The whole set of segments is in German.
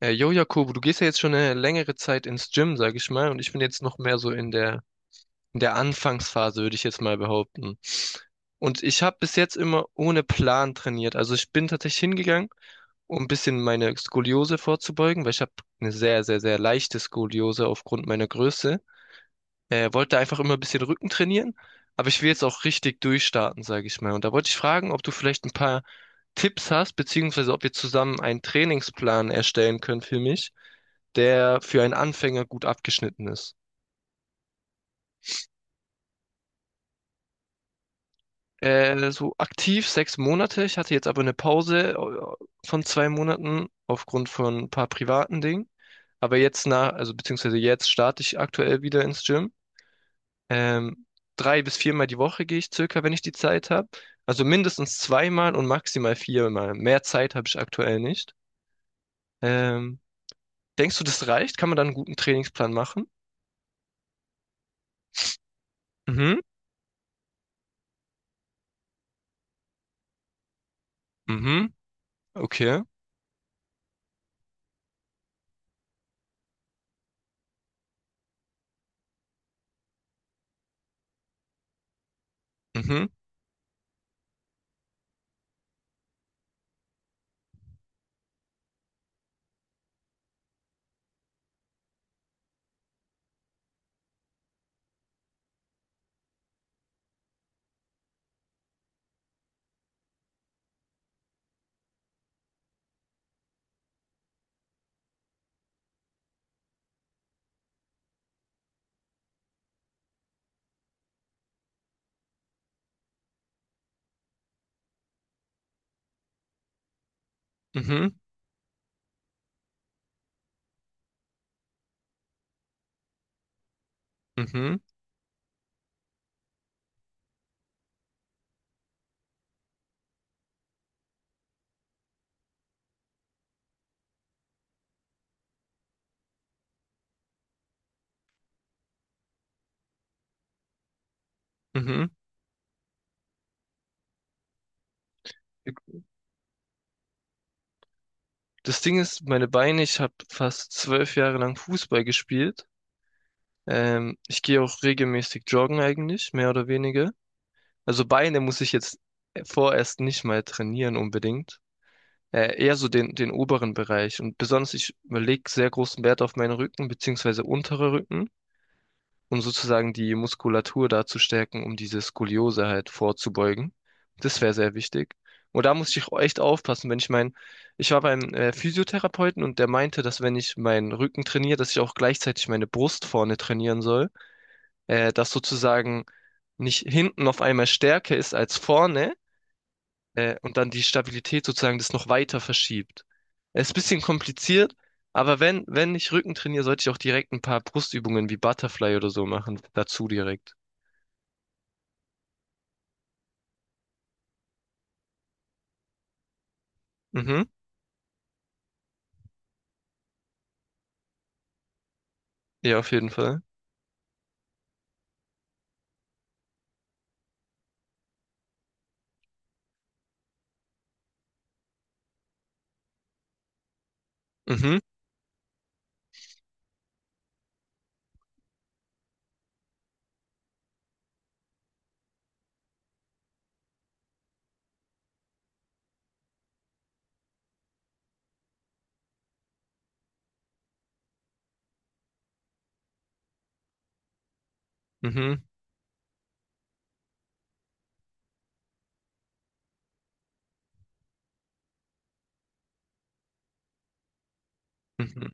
Jo, Jakobo, du gehst ja jetzt schon eine längere Zeit ins Gym, sag ich mal, und ich bin jetzt noch mehr so in der Anfangsphase, würde ich jetzt mal behaupten. Und ich habe bis jetzt immer ohne Plan trainiert. Also ich bin tatsächlich hingegangen, um ein bisschen meine Skoliose vorzubeugen, weil ich habe eine sehr, sehr, sehr leichte Skoliose aufgrund meiner Größe. Wollte einfach immer ein bisschen Rücken trainieren, aber ich will jetzt auch richtig durchstarten, sage ich mal. Und da wollte ich fragen, ob du vielleicht ein paar Tipps hast, beziehungsweise ob wir zusammen einen Trainingsplan erstellen können für mich, der für einen Anfänger gut abgeschnitten ist. So aktiv 6 Monate. Ich hatte jetzt aber eine Pause von 2 Monaten aufgrund von ein paar privaten Dingen. Aber jetzt also beziehungsweise jetzt starte ich aktuell wieder ins Gym. Ähm, Drei bis viermal die Woche gehe ich circa, wenn ich die Zeit habe. Also mindestens zweimal und maximal viermal. Mehr Zeit habe ich aktuell nicht. Ähm, Denkst du, das reicht? Kann man dann einen guten Trainingsplan machen? Mhm, mhm, okay. Mhm, mhm, mhm, mhm. Das Ding ist, meine Beine, ich habe fast 12 Jahre lang Fußball gespielt. Ich gehe auch regelmäßig joggen eigentlich, mehr oder weniger. Also Beine muss ich jetzt vorerst nicht mal trainieren unbedingt. Eher so den oberen Bereich. Und besonders, ich lege sehr großen Wert auf meinen Rücken, beziehungsweise unterer Rücken, um sozusagen die Muskulatur da zu stärken, um diese Skoliose halt vorzubeugen. Das wäre sehr wichtig. Und da muss ich auch echt aufpassen, wenn ich ich war beim Physiotherapeuten und der meinte, dass wenn ich meinen Rücken trainiere, dass ich auch gleichzeitig meine Brust vorne trainieren soll, dass sozusagen nicht hinten auf einmal stärker ist als vorne, und dann die Stabilität sozusagen das noch weiter verschiebt. Es ist ein bisschen kompliziert, aber wenn ich Rücken trainiere, sollte ich auch direkt ein paar Brustübungen wie Butterfly oder so machen, dazu direkt. Mhm. Ja, auf jeden Fall. Mhm. Mhm. Mhm.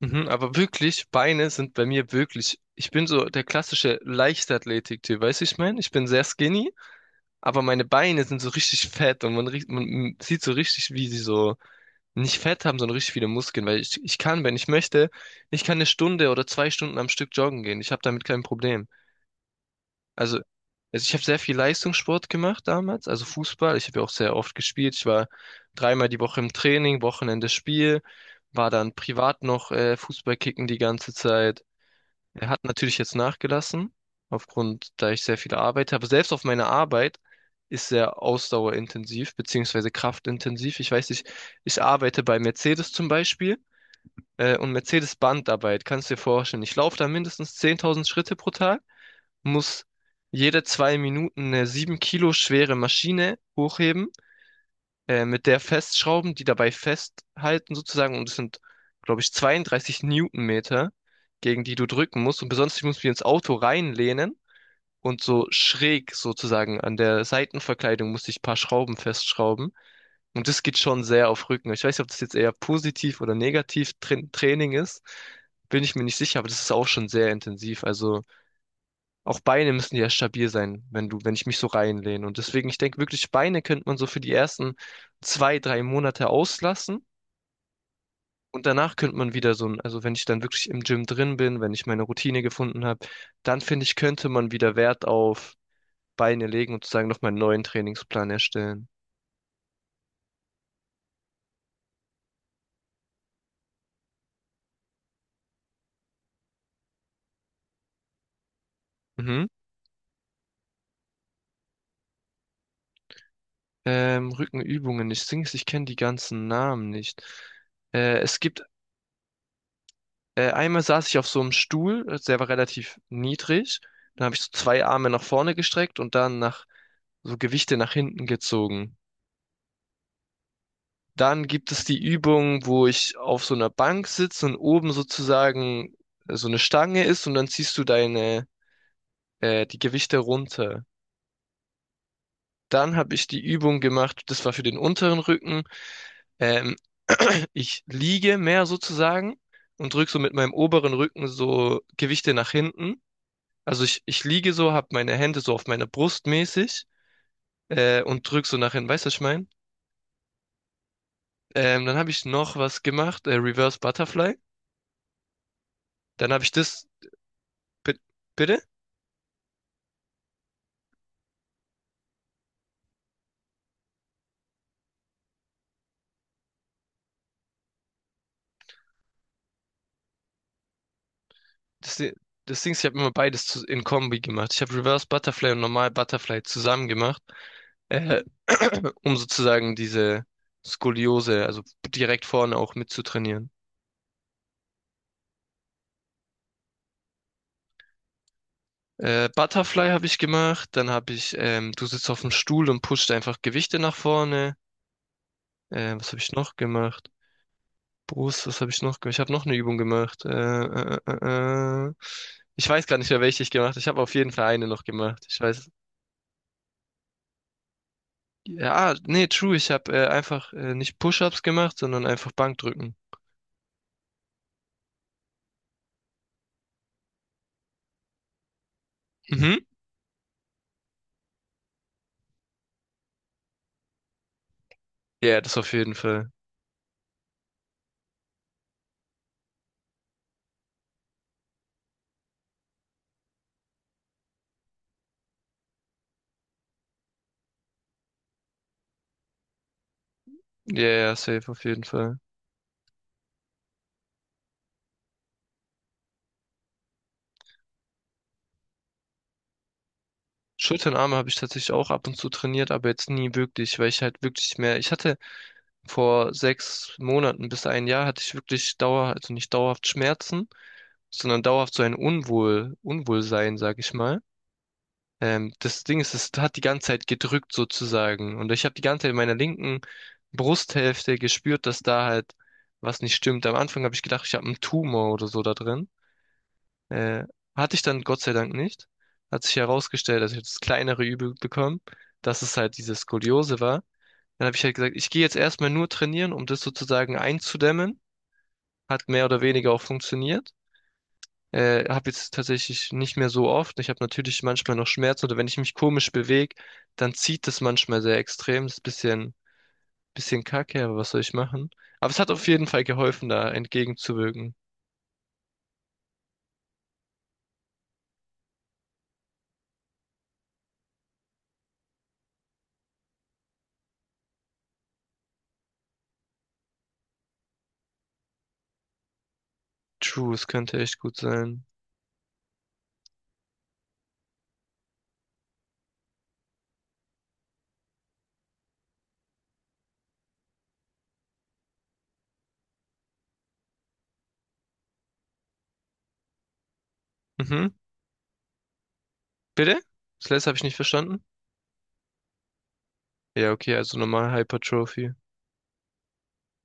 Mhm. Aber wirklich, Beine sind bei mir wirklich, ich bin so der klassische Leichtathletik-Typ, weißt du, ich meine? Ich bin sehr skinny, aber meine Beine sind so richtig fett und man, riecht- man sieht so richtig, wie sie so nicht Fett haben, sondern richtig viele Muskeln, weil ich kann, wenn ich möchte, ich kann eine Stunde oder 2 Stunden am Stück joggen gehen. Ich habe damit kein Problem. Also, also ich habe sehr viel Leistungssport gemacht damals, also Fußball. Ich habe ja auch sehr oft gespielt. Ich war dreimal die Woche im Training, Wochenende Spiel, war dann privat noch Fußball kicken die ganze Zeit. Er hat natürlich jetzt nachgelassen, aufgrund, da ich sehr viel arbeite, aber selbst auf meiner Arbeit ist sehr ausdauerintensiv, beziehungsweise kraftintensiv. Ich weiß nicht, ich arbeite bei Mercedes zum Beispiel, und Mercedes Bandarbeit, kannst du dir vorstellen. Ich laufe da mindestens 10.000 Schritte pro Tag, muss jede 2 Minuten eine 7 Kilo schwere Maschine hochheben, mit der festschrauben, die dabei festhalten sozusagen. Und es sind, glaube ich, 32 Newtonmeter, gegen die du drücken musst. Und besonders, ich muss mich ins Auto reinlehnen und so schräg sozusagen an der Seitenverkleidung musste ich ein paar Schrauben festschrauben. Und das geht schon sehr auf Rücken. Ich weiß nicht, ob das jetzt eher positiv oder negativ Tra Training ist. Bin ich mir nicht sicher, aber das ist auch schon sehr intensiv. Also auch Beine müssen ja stabil sein, wenn ich mich so reinlehne. Und deswegen, ich denke wirklich, Beine könnte man so für die ersten 2, 3 Monate auslassen. Und danach könnte man wieder so ein, also wenn ich dann wirklich im Gym drin bin, wenn ich meine Routine gefunden habe, dann finde ich, könnte man wieder Wert auf Beine legen und sozusagen nochmal einen neuen Trainingsplan erstellen. Mhm. Rückenübungen, ich sing's, ich kenne die ganzen Namen nicht. Es gibt Einmal saß ich auf so einem Stuhl, der war relativ niedrig. Dann habe ich so zwei Arme nach vorne gestreckt und dann nach so Gewichte nach hinten gezogen. Dann gibt es die Übung, wo ich auf so einer Bank sitze und oben sozusagen so eine Stange ist und dann ziehst du deine die Gewichte runter. Dann habe ich die Übung gemacht, das war für den unteren Rücken. Ähm, ich liege mehr sozusagen und drücke so mit meinem oberen Rücken so Gewichte nach hinten. Also ich liege so, habe meine Hände so auf meiner Brust mäßig, und drück so nach hinten, weißt du, was ich mein? Dann habe ich noch was gemacht, Reverse Butterfly. Dann habe ich das, bi- bitte? Das, Di- das Ding ist, ich habe immer beides zu, in Kombi gemacht. Ich habe Reverse Butterfly und normal Butterfly zusammen gemacht, äh, um sozusagen diese Skoliose, also direkt vorne auch mitzutrainieren. Butterfly habe ich gemacht, dann habe ich, du sitzt auf dem Stuhl und pusht einfach Gewichte nach vorne. Was habe ich noch gemacht? Brust, was habe ich noch gemacht? Ich habe noch eine Übung gemacht. Ich weiß gar nicht mehr, welche ich gemacht habe. Ich habe auf jeden Fall eine noch gemacht. Ich weiß. Ja, nee, true. Ich habe einfach nicht Push-ups gemacht, sondern einfach Bankdrücken. Mhm. Ja, das auf jeden Fall. Ja, ja, safe auf jeden Fall. Schultern, Arme habe ich tatsächlich auch ab und zu trainiert, aber jetzt nie wirklich, weil ich halt wirklich mehr. Ich hatte vor 6 Monaten bis ein Jahr hatte ich wirklich dauer, also nicht dauerhaft Schmerzen, sondern dauerhaft so ein Unwohlsein, sag ich mal. Das Ding ist, es hat die ganze Zeit gedrückt sozusagen. Und ich habe die ganze Zeit in meiner linken Brusthälfte gespürt, dass da halt was nicht stimmt. Am Anfang habe ich gedacht, ich habe einen Tumor oder so da drin. Äh, Hatte ich dann Gott sei Dank nicht. Hat sich herausgestellt, dass ich habe das kleinere Übel bekommen, dass es halt diese Skoliose war. Dann habe ich halt gesagt, ich gehe jetzt erstmal nur trainieren, um das sozusagen einzudämmen. Hat mehr oder weniger auch funktioniert. Habe jetzt tatsächlich nicht mehr so oft. Ich habe natürlich manchmal noch Schmerzen oder wenn ich mich komisch bewege, dann zieht es manchmal sehr extrem. Das ist ein bisschen, kacke, aber was soll ich machen? Aber es hat auf jeden Fall geholfen, da entgegenzuwirken. True, es könnte echt gut sein. Mhm. Bitte? Das letzte habe ich nicht verstanden. Ja, okay, also normal Hypertrophie.